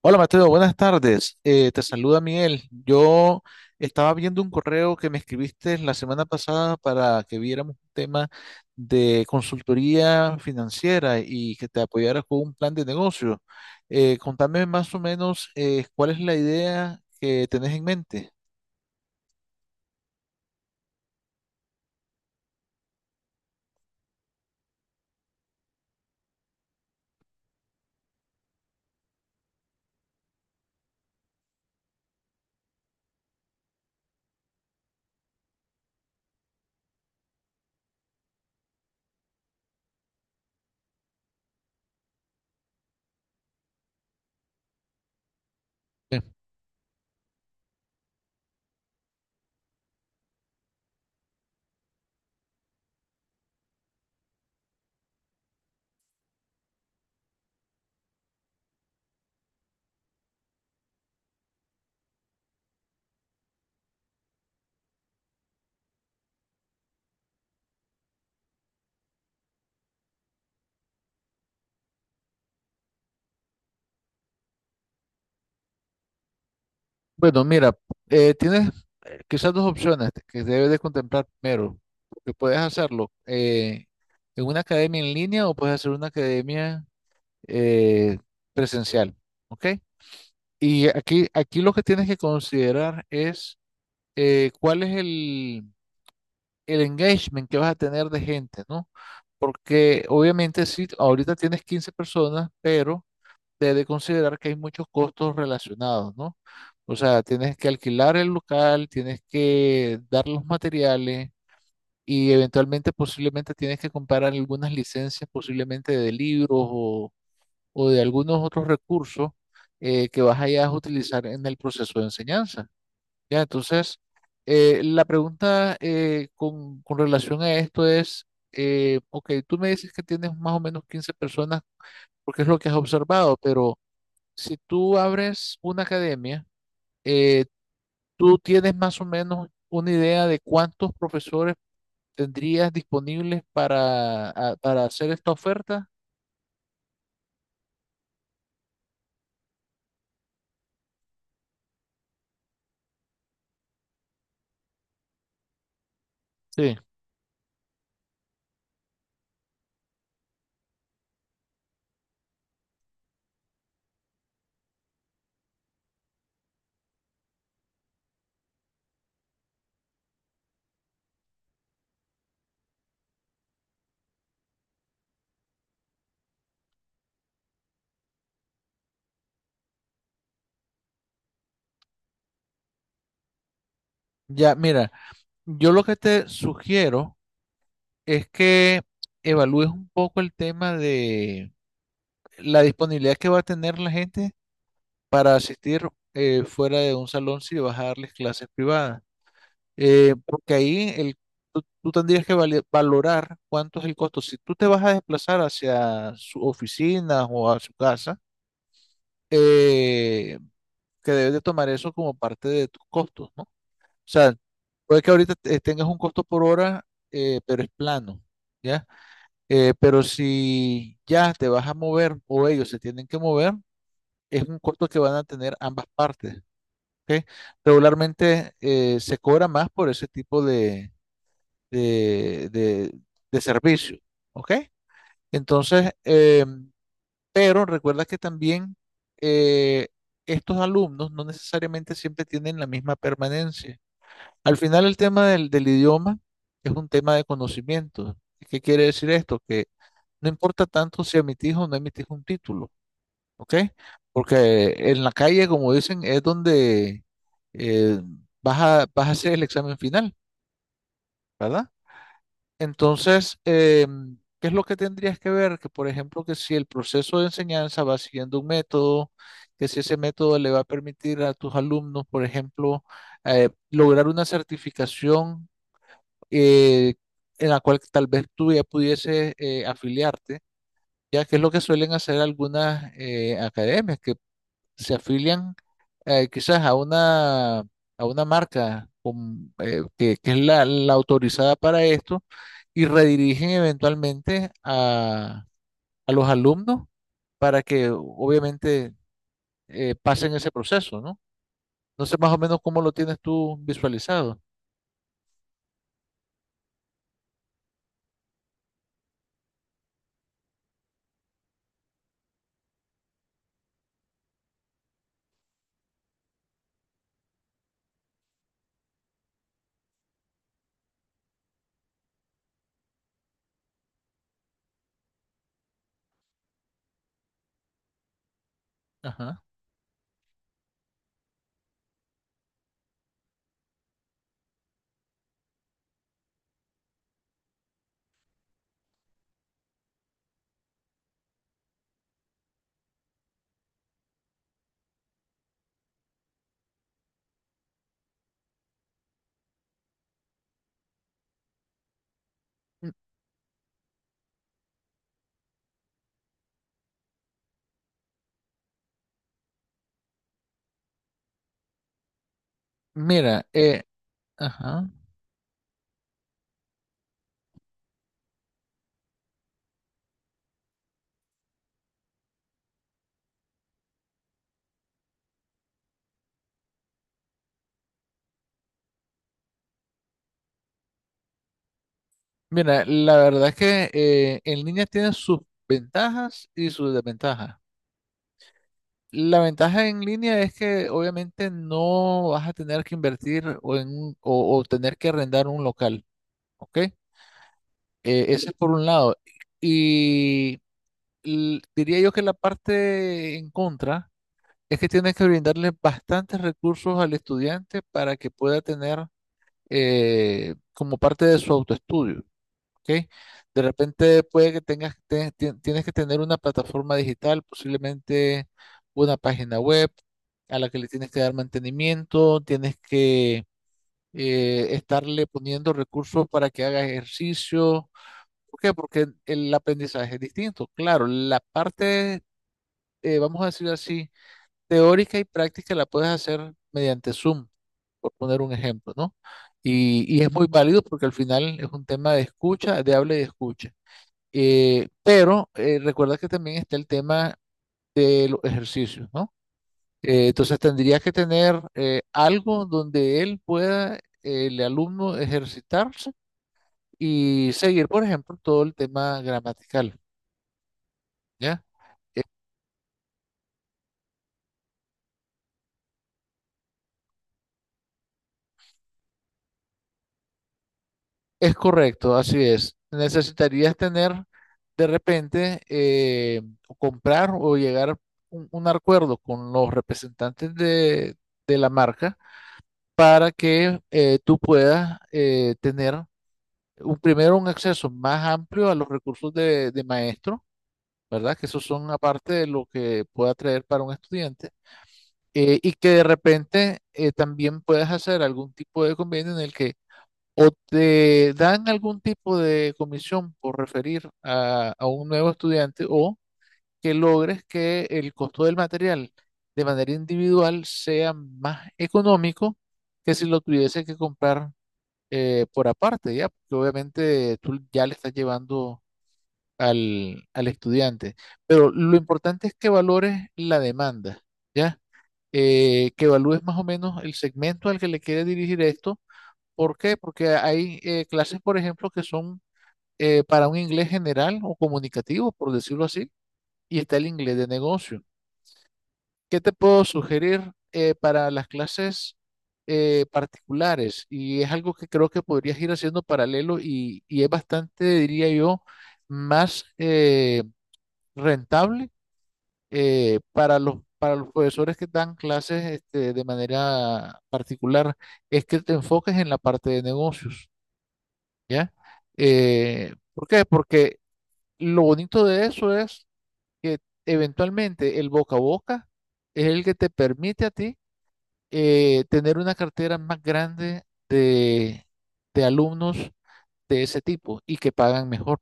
Hola Mateo, buenas tardes. Te saluda Miguel. Yo estaba viendo un correo que me escribiste la semana pasada para que viéramos un tema de consultoría financiera y que te apoyaras con un plan de negocio. Contame más o menos cuál es la idea que tenés en mente. Eh, Bueno, mira, tienes quizás dos opciones que debes de contemplar primero, que puedes hacerlo en una academia en línea o puedes hacer una academia eh, presencial, ¿ok? Y aquí lo que tienes que considerar es cuál es el engagement que vas a tener de gente, ¿no? Porque obviamente sí, ahorita tienes 15 personas, pero debes considerar que hay muchos costos relacionados, ¿no? O sea, tienes que alquilar el local, tienes que dar los materiales y eventualmente posiblemente tienes que comprar algunas licencias posiblemente de libros o de algunos otros recursos que vas allá a utilizar en el proceso de enseñanza. ¿Ya? Entonces, la pregunta con relación a esto es, ok, tú me dices que tienes más o menos 15 personas porque es lo que has observado, pero si tú abres una academia, eh, tú tienes más o menos una idea de cuántos profesores tendrías disponibles para hacer esta oferta. Sí. Ya, mira, yo lo que te sugiero es que evalúes un poco el tema de la disponibilidad que va a tener la gente para asistir fuera de un salón si vas a darles clases privadas. Porque ahí tú tendrías que valorar cuánto es el costo. Si tú te vas a desplazar hacia su oficina o a su casa, eh, que debes de tomar eso como parte de tus costos, ¿no? O sea, puede que ahorita tengas un costo por hora, pero es plano. ¿Ya? Pero si ya te vas a mover o ellos se tienen que mover, es un costo que van a tener ambas partes. ¿Ok? Regularmente se cobra más por ese tipo de, de- de servicio. ¿Ok? Entonces, pero recuerda que también eh, estos alumnos no necesariamente siempre tienen la misma permanencia. Al final, el tema del idioma es un tema de conocimiento. ¿Qué quiere decir esto? No importa tanto si emitís o no emitís un título, ¿ok? Porque en la calle, como dicen, es donde eh, vas a hacer el examen final, ¿verdad? Entonces, ¿qué es lo que tendrías que ver? Que, por ejemplo, que si el proceso de enseñanza va siguiendo un método, que si ese método le va a permitir a tus alumnos, por ejemplo, lograr una certificación eh, en la cual tal vez tú ya pudieses afiliarte, ya que es lo que suelen hacer algunas academias que se afilian quizás a a una marca que es la autorizada para esto y redirigen eventualmente a los alumnos para que obviamente pasen ese proceso, ¿no? No sé más o menos cómo lo tienes tú visualizado. Ajá. M- Mira, ajá. Mira, la verdad es que en línea tiene sus ventajas y sus desventajas. La ventaja en línea es que obviamente no vas a tener que invertir o tener que arrendar un local, ¿ok? Ese es por un lado. Y diría yo que la parte en contra es que tienes que brindarle bastantes recursos al estudiante para que pueda tener como parte de su autoestudio. ¿Ok? De repente puede que tienes que tener una plataforma digital, posiblemente una página web a la que le tienes que dar mantenimiento, tienes que estarle poniendo recursos para que haga ejercicio. ¿Por qué? Porque el aprendizaje es distinto. Claro, la parte, vamos a decir así, teórica y práctica la puedes hacer mediante Zoom, por poner un ejemplo, ¿no? Y es muy válido porque al final es un tema de escucha, de habla y de escucha. Pero recuerda que también está el tema de los ejercicios, ¿no? Entonces tendría que tener algo donde él pueda, el alumno, ejercitarse y seguir, por ejemplo, todo el tema gramatical, ¿ya? Es correcto, así es. Necesitarías tener de repente o comprar o llegar a un acuerdo con los representantes de la marca para que tú puedas tener primero un acceso más amplio a los recursos de maestro, ¿verdad? Que esos son aparte de lo que pueda traer para un estudiante, y que de repente también puedas hacer algún tipo de convenio en el que o te dan algún tipo de comisión por referir a un nuevo estudiante o que logres que el costo del material de manera individual sea más económico que si lo tuviese que comprar por aparte, ¿ya? Porque obviamente tú ya le estás llevando al estudiante. Pero lo importante es que valores la demanda, ¿ya? Que evalúes más o menos el segmento al que le quieres dirigir esto. ¿Por qué? Porque hay clases, por ejemplo, que son para un inglés general o comunicativo, por decirlo así, y está el inglés de negocio. ¿Qué te puedo sugerir para las clases particulares? Y es algo que creo que podrías ir haciendo paralelo y es bastante, diría yo, más rentable para para los profesores que dan clases este, de manera particular, es que te enfoques en la parte de negocios, ¿ya? ¿Por qué? Porque lo bonito de eso es que eventualmente el boca a boca es el que te permite a ti tener una cartera más grande de, de alumnos de ese tipo y que pagan mejor.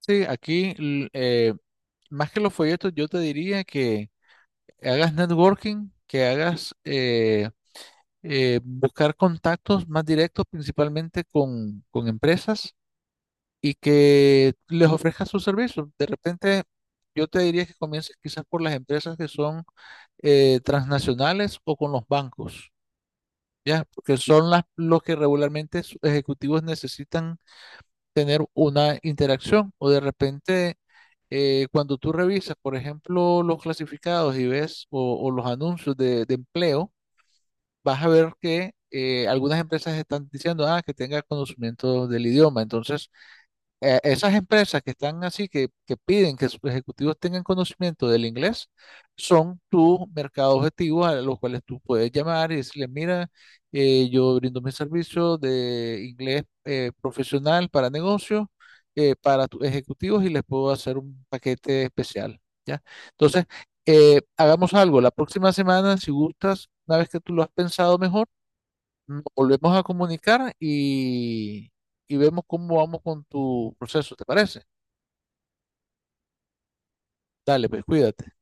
Sí, aquí más que los folletos, yo te diría que hagas networking, que hagas buscar contactos más directos, principalmente con empresas y que les ofrezcas sus servicios. De repente, yo te diría que comiences quizás por las empresas que son transnacionales o con los bancos. ¿Ya? Porque son los que regularmente sus ejecutivos necesitan tener una interacción o de repente cuando tú revisas, por ejemplo, los clasificados y ves o los anuncios de empleo, vas a ver que algunas empresas están diciendo ah, que tenga conocimiento del idioma. Entonces, esas empresas que están así, que piden que sus ejecutivos tengan conocimiento del inglés, son tu mercado objetivo a los cuales tú puedes llamar y decirle, mira, yo brindo mi servicio de inglés profesional para negocios, para tus ejecutivos y les puedo hacer un paquete especial, ¿ya? Entonces, hagamos algo. La próxima semana, si gustas, una vez que tú lo has pensado mejor, nos volvemos a comunicar y vemos cómo vamos con tu proceso, ¿te parece? Dale, pues cuídate.